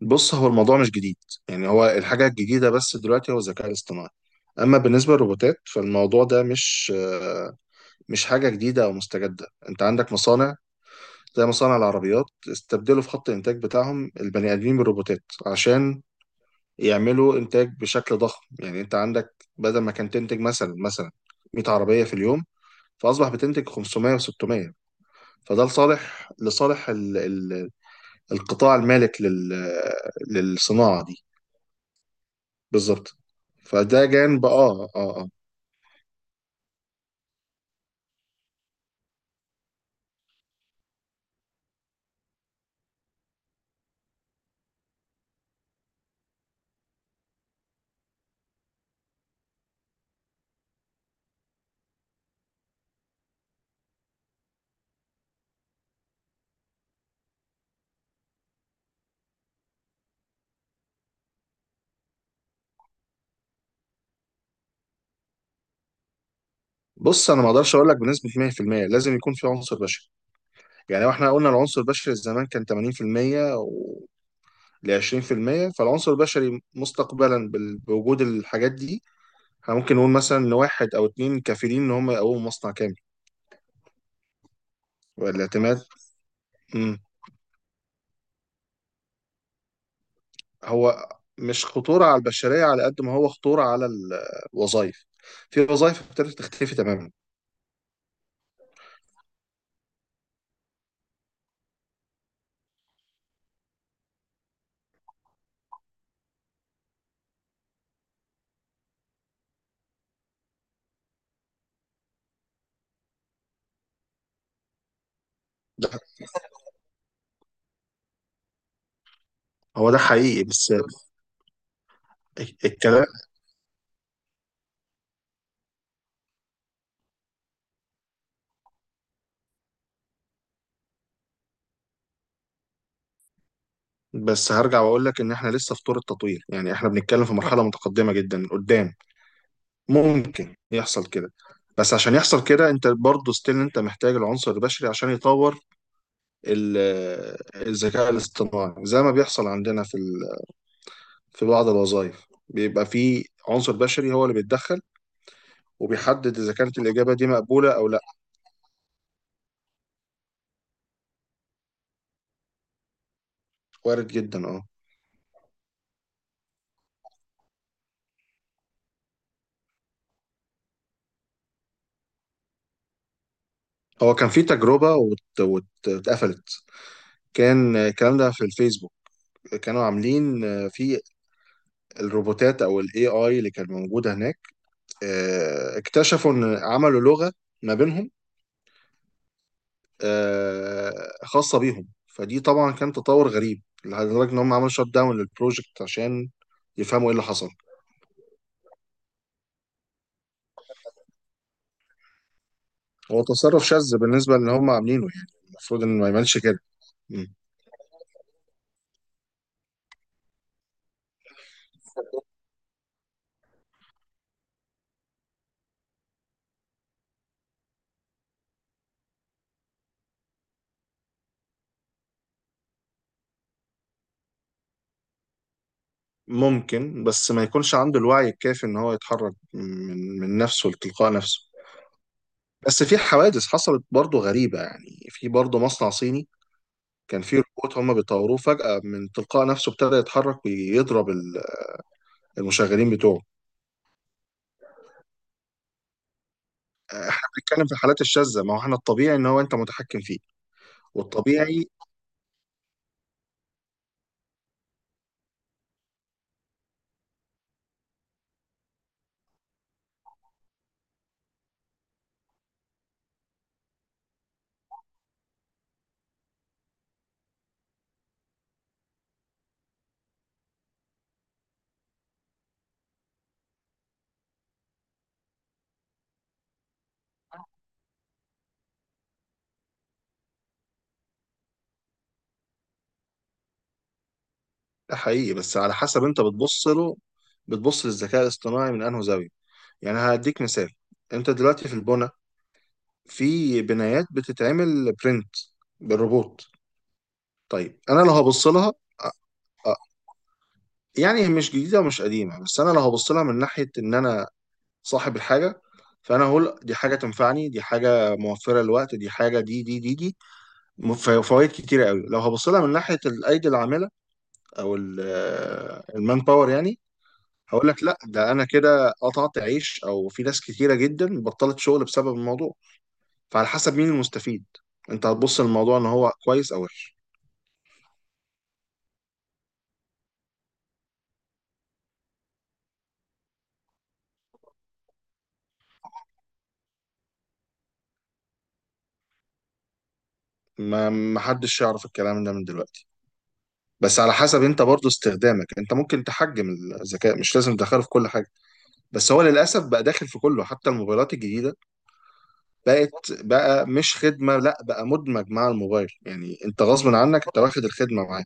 بص، هو الموضوع مش جديد. يعني هو الحاجة الجديدة بس دلوقتي هو الذكاء الاصطناعي. أما بالنسبة للروبوتات فالموضوع ده مش مش حاجة جديدة أو مستجدة. أنت عندك مصانع زي مصانع العربيات استبدلوا في خط الإنتاج بتاعهم البني آدمين بالروبوتات عشان يعملوا إنتاج بشكل ضخم. يعني أنت عندك بدل ما كان تنتج مثلا 100 عربية في اليوم، فأصبح بتنتج 500 و600. فده لصالح القطاع المالك للصناعة دي. بالظبط. فده جانب بص، انا ما اقدرش اقول لك بنسبه 100% لازم يكون في عنصر بشري. يعني واحنا قلنا العنصر البشري زمان كان 80% و ل 20%، فالعنصر البشري مستقبلا بوجود الحاجات دي احنا ممكن نقول مثلا ان واحد او اتنين كافيين ان هم يقوموا مصنع كامل والاعتماد. مم. هو مش خطوره على البشريه على قد ما هو خطوره على الوظائف. في وظائف ابتدت تختفي تماما. هو ده حقيقي بس الكلام. بس هرجع واقول لك ان احنا لسه في طور التطوير. يعني احنا بنتكلم في مرحله متقدمه جدا قدام، ممكن يحصل كده. بس عشان يحصل كده انت برضه ستيل انت محتاج العنصر البشري عشان يطور ال- الذكاء الاصطناعي. زي ما بيحصل عندنا في في بعض الوظائف بيبقى في عنصر بشري هو اللي بيتدخل وبيحدد اذا كانت الاجابه دي مقبوله او لا. وارد جدا، اه. هو كان في تجربه واتقفلت. كان الكلام ده في الفيسبوك. كانوا عاملين في الروبوتات او الاي اي اللي كانت موجوده هناك، اكتشفوا ان عملوا لغه ما بينهم، آه، خاصه بيهم. فدي طبعا كان تطور غريب لدرجه ان هم عملوا شت داون للبروجكت عشان يفهموا ايه اللي حصل. هو تصرف شاذ بالنسبه للي هم عاملينه، يعني المفروض ان ما يعملش كده. مم. ممكن، بس ما يكونش عنده الوعي الكافي ان هو يتحرك من نفسه لتلقاء نفسه. بس في حوادث حصلت برضه غريبة يعني. في برضه مصنع صيني كان في روبوت هم بيطوروه، فجأة من تلقاء نفسه ابتدى يتحرك ويضرب المشغلين بتوعه. احنا بنتكلم في الحالات الشاذة، ما هو احنا الطبيعي ان هو انت متحكم فيه والطبيعي. ده حقيقي، بس على حسب انت بتبص له. بتبص للذكاء الاصطناعي من انه زاوية؟ يعني هديك مثال. انت دلوقتي في البنا، في بنايات بتتعمل برنت بالروبوت. طيب، انا لو هبص لها أ- أ- يعني مش جديدة ومش قديمة. بس انا لو هبص لها من ناحية ان انا صاحب الحاجه، فانا هقول دي حاجه تنفعني، دي حاجه موفره للوقت، دي حاجه دي دي دي دي فوائد كتيره قوي. لو هبص لها من ناحيه الايدي العامله او المان باور، يعني هقول لك لا، ده انا كده قطعت عيش، او في ناس كتيره جدا بطلت شغل بسبب الموضوع. فعلى حسب مين المستفيد انت هتبص للموضوع ان هو كويس او وحش. ما ما حدش يعرف الكلام ده من دلوقتي. بس على حسب انت برضو استخدامك، انت ممكن تحجم الذكاء، مش لازم تدخله في كل حاجه. بس هو للاسف بقى داخل في كله، حتى الموبايلات الجديده بقت، بقى مش خدمه لا، بقى مدمج مع الموبايل، يعني انت غصب عنك انت واخد الخدمه معاه.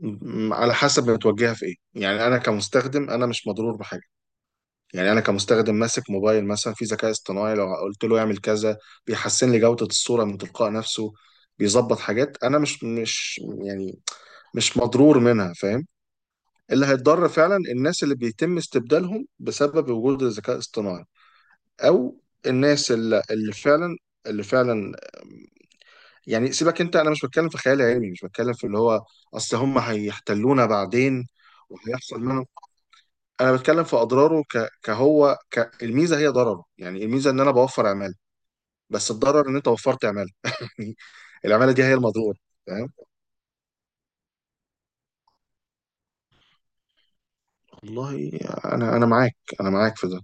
على حسب بتوجهها في ايه. يعني انا كمستخدم انا مش مضرور بحاجه. يعني انا كمستخدم ماسك موبايل مثلا في ذكاء اصطناعي، لو قلت له يعمل كذا بيحسن لي جوده الصوره من تلقاء نفسه، بيظبط حاجات انا مش يعني مش مضرور منها، فاهم. اللي هيتضر فعلا الناس اللي بيتم استبدالهم بسبب وجود الذكاء الاصطناعي، او الناس اللي فعلا اللي فعلا يعني سيبك انت، انا مش بتكلم في خيال علمي، مش بتكلم في اللي هو اصل هم هيحتلونا بعدين وهيحصل لنا. انا بتكلم في اضراره الميزه هي ضرره. يعني الميزه ان انا بوفر عماله، بس الضرر ان انت وفرت عماله يعني. العماله دي هي المضرور، فاهم. والله انا انا معاك في ده.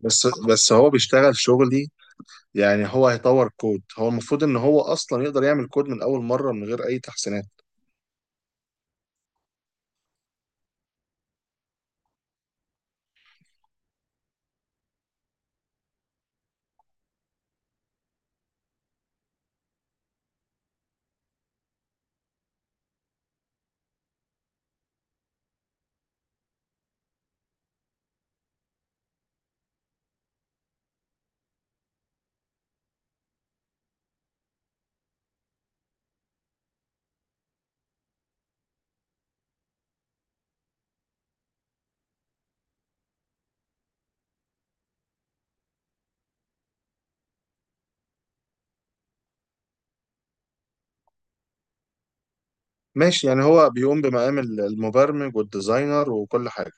بس هو بيشتغل شغلي. يعني هو هيطور كود؟ هو المفروض ان هو اصلا يقدر يعمل كود من اول مره من غير اي تحسينات. ماشي، يعني هو بيقوم بمقام المبرمج والديزاينر وكل حاجة.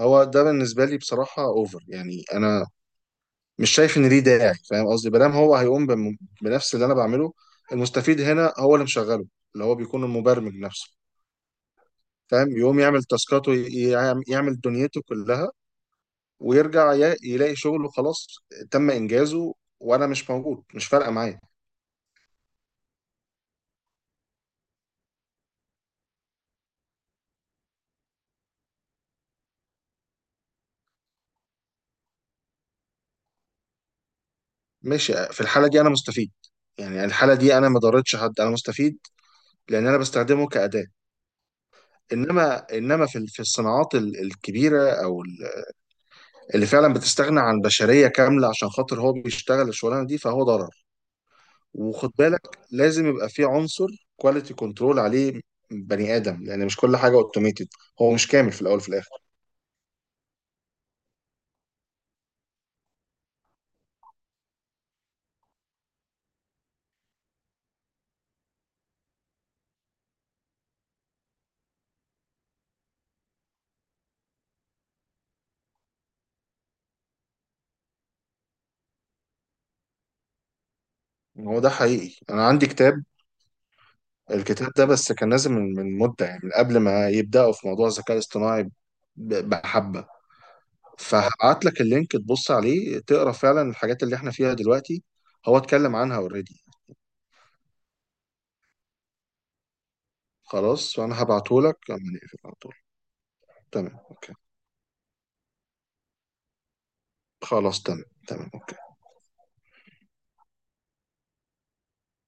هو ده بالنسبة لي بصراحة اوفر. يعني انا مش شايف ان ليه داعي، فاهم قصدي؟ بلام هو هيقوم بنفس اللي انا بعمله. المستفيد هنا هو اللي مشغله، اللي هو بيكون المبرمج نفسه، فاهم. يقوم يعمل تاسكاته، يعمل دنيته كلها، ويرجع يلاقي شغله خلاص تم انجازه وانا مش موجود. مش فارقة معايا. ماشي، في الحالة دي انا مستفيد. يعني الحالة دي انا ما ضرتش حد، انا مستفيد، لان انا بستخدمه كأداة. انما في في الصناعات الكبيره اللي فعلا بتستغنى عن بشريه كامله عشان خاطر هو بيشتغل الشغلانه دي، فهو ضرر. وخد بالك، لازم يبقى في عنصر كواليتي كنترول عليه بني ادم، لان مش كل حاجه اوتوميتد. هو مش كامل في الاول وفي الاخر. هو ده حقيقي. انا عندي كتاب، الكتاب ده بس كان نازل من مده، يعني من قبل ما يبداوا في موضوع الذكاء الاصطناعي، بحبه. فهبعت لك اللينك تبص عليه تقرا فعلا الحاجات اللي احنا فيها دلوقتي هو اتكلم عنها اوريدي. خلاص، فأنا هبعتهولك لما نقفل على طول. تمام، أوكي. خلاص، تمام أوكي.